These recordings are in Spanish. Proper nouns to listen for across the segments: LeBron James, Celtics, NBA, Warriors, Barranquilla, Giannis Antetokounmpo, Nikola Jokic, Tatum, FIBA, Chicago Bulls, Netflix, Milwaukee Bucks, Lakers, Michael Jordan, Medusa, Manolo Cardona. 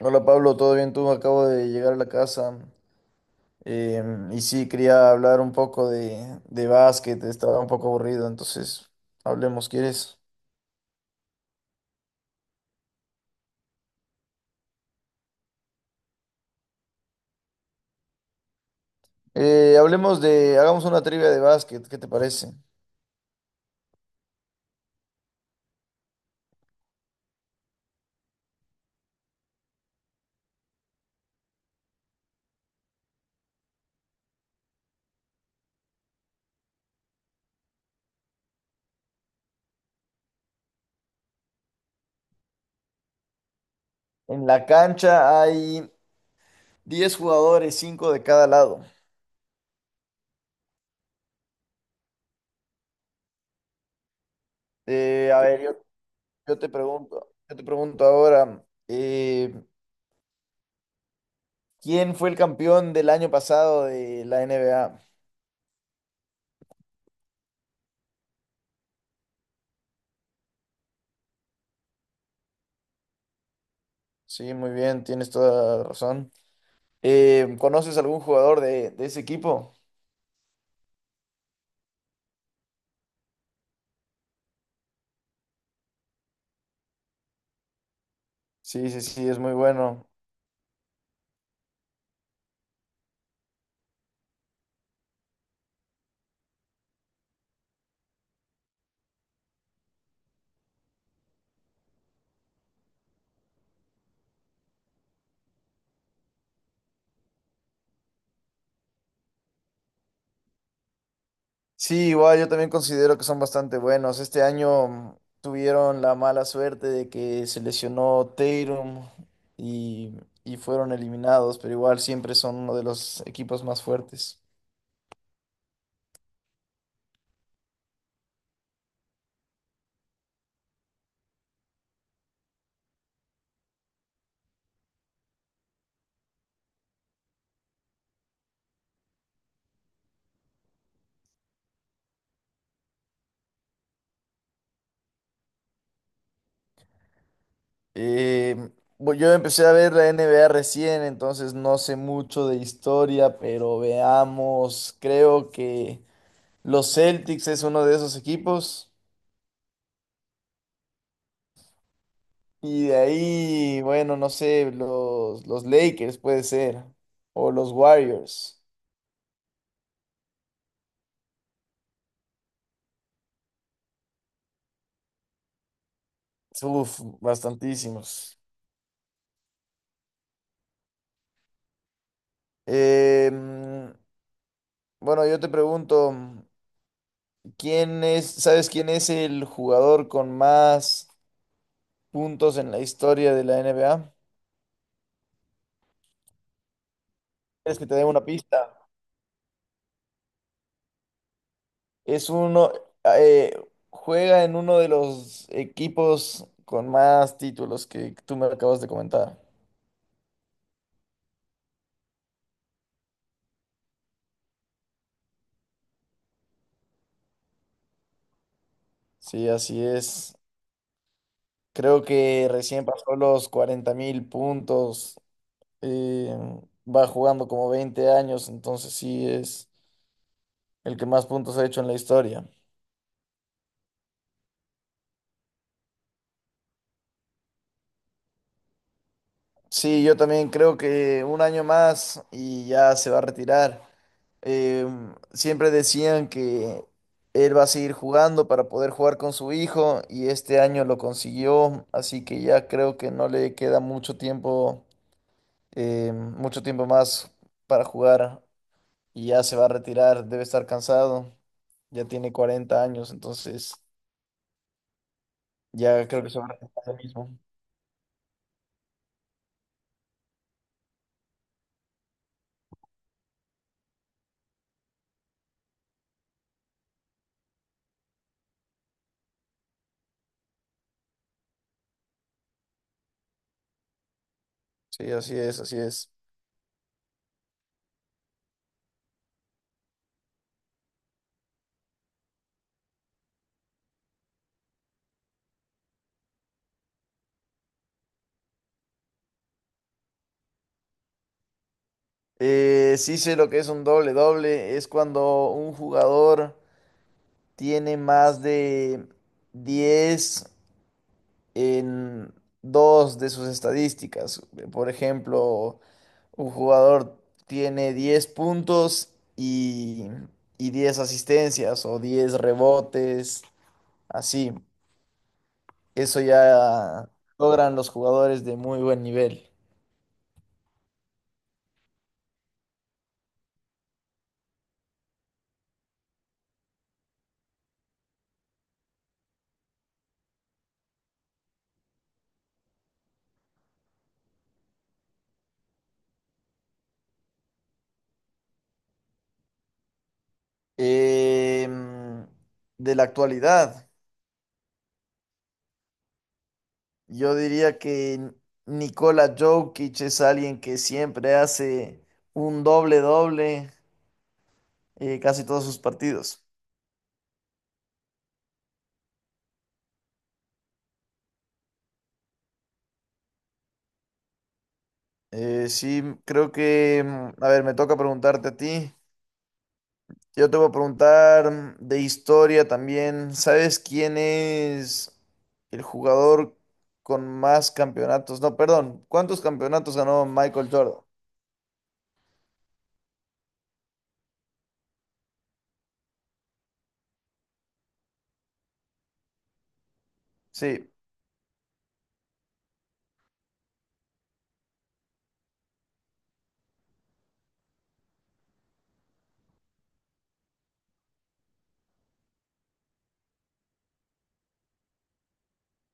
Hola Pablo, ¿todo bien tú? Acabo de llegar a la casa. eh, y sí, quería hablar un poco de básquet, estaba un poco aburrido, entonces hablemos, ¿quieres? Hablemos de, hagamos una trivia de básquet, ¿qué te parece? En la cancha hay 10 jugadores, 5 de cada lado. Eh, a ver, yo, yo te pregunto ahora, ¿quién fue el campeón del año pasado de la NBA? Sí, muy bien, tienes toda la razón. ¿Conoces algún jugador de ese equipo? Sí, sí, sí, es muy bueno. Sí, igual yo también considero que son bastante buenos. Este año tuvieron la mala suerte de que se lesionó Tatum y, y fueron eliminados, pero igual siempre son uno de los equipos más fuertes. Eh, yo empecé a ver la NBA recién, entonces no sé mucho de historia, pero veamos, creo que los Celtics es uno de esos equipos. Y de ahí, bueno, no sé, los Lakers puede ser. O los Warriors. Uf, bastantísimos. Em, bueno, yo te pregunto, ¿quién es, sabes quién es el jugador con más puntos en la historia de la NBA? ¿Quieres que te dé una pista? Es uno, ah, eh, juega en uno de los equipos con más títulos que tú me acabas de comentar. Sí, así es. Creo que recién pasó los 40.000 puntos. eh, Va jugando como 20 años, entonces sí es el que más puntos ha hecho en la historia. Sí, yo también creo que un año más y ya se va a retirar. Eh, Siempre decían que él va a seguir jugando para poder jugar con su hijo y este año lo consiguió, así que ya creo que no le queda mucho tiempo más para jugar. Y ya se va a retirar, debe estar cansado, ya tiene 40 años, entonces ya creo que se va a retirar lo mismo. Sí, así es, así es. Sí sé lo que es un doble doble, es cuando un jugador tiene más de 10 en dos de sus estadísticas. Por ejemplo, un jugador tiene 10 puntos y 10 asistencias o 10 rebotes, así. Eso ya logran los jugadores de muy buen nivel. Em, de la actualidad, yo diría que Nikola Jokic es alguien que siempre hace un doble-doble casi todos sus partidos. Sí, creo que, a ver, me toca preguntarte a ti. Yo te voy a preguntar de historia también. ¿Sabes quién es el jugador con más campeonatos? No, perdón. ¿Cuántos campeonatos ganó Michael Jordan? Sí,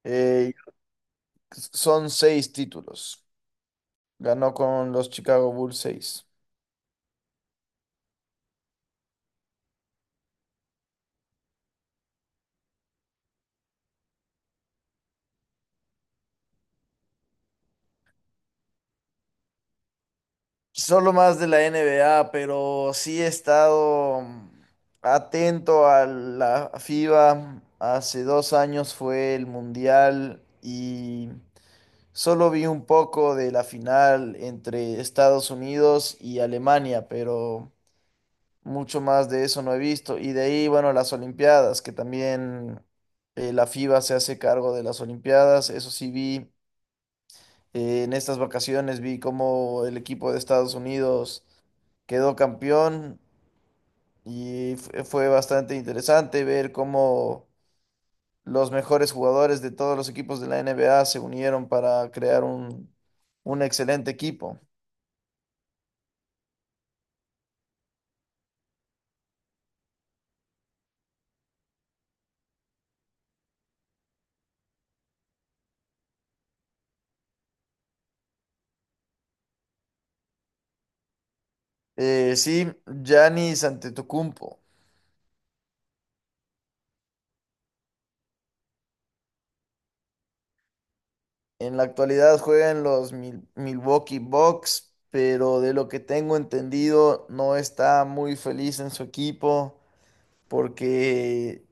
eh, son 6 títulos. Ganó con los Chicago Bulls 6. Solo más de la NBA, pero sí he estado atento a la FIBA. Hace 2 años fue el Mundial y… Solo vi un poco de la final entre Estados Unidos y Alemania, pero mucho más de eso no he visto. Y de ahí, bueno, las Olimpiadas, que también la FIBA se hace cargo de las Olimpiadas. Eso sí vi en estas vacaciones, vi cómo el equipo de Estados Unidos quedó campeón y fue bastante interesante ver cómo los mejores jugadores de todos los equipos de la NBA se unieron para crear un excelente equipo. Sí, Giannis Antetokounmpo. En la actualidad juega en los Milwaukee Bucks, pero de lo que tengo entendido no está muy feliz en su equipo porque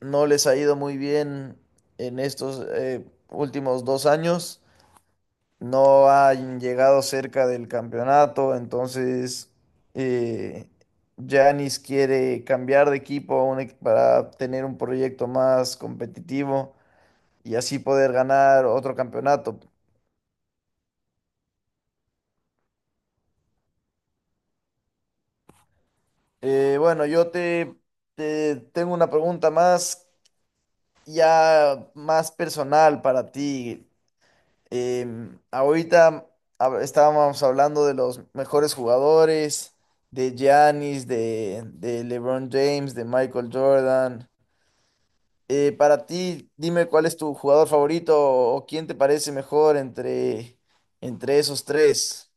no les ha ido muy bien en estos últimos 2 años. No han llegado cerca del campeonato, entonces eh, Giannis quiere cambiar de equipo a un para tener un proyecto más competitivo. Y así poder ganar otro campeonato. Eh, bueno, yo te, te tengo una pregunta más, ya más personal para ti. Ahorita estábamos hablando de los mejores jugadores, de Giannis, de LeBron James, de Michael Jordan. Para ti, dime cuál es tu jugador favorito o quién te parece mejor entre, entre esos tres.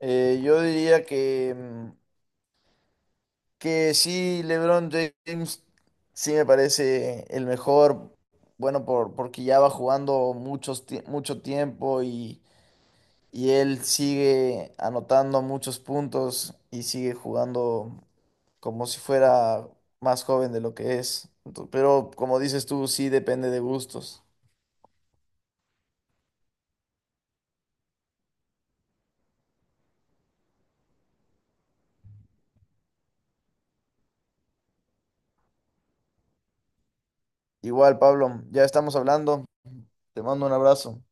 Yo diría que que sí, LeBron James sí me parece el mejor, bueno, porque ya va jugando muchos, mucho tiempo y él sigue anotando muchos puntos y sigue jugando como si fuera más joven de lo que es. Pero como dices tú, sí depende de gustos. Igual, Pablo, ya estamos hablando. Te mando un abrazo.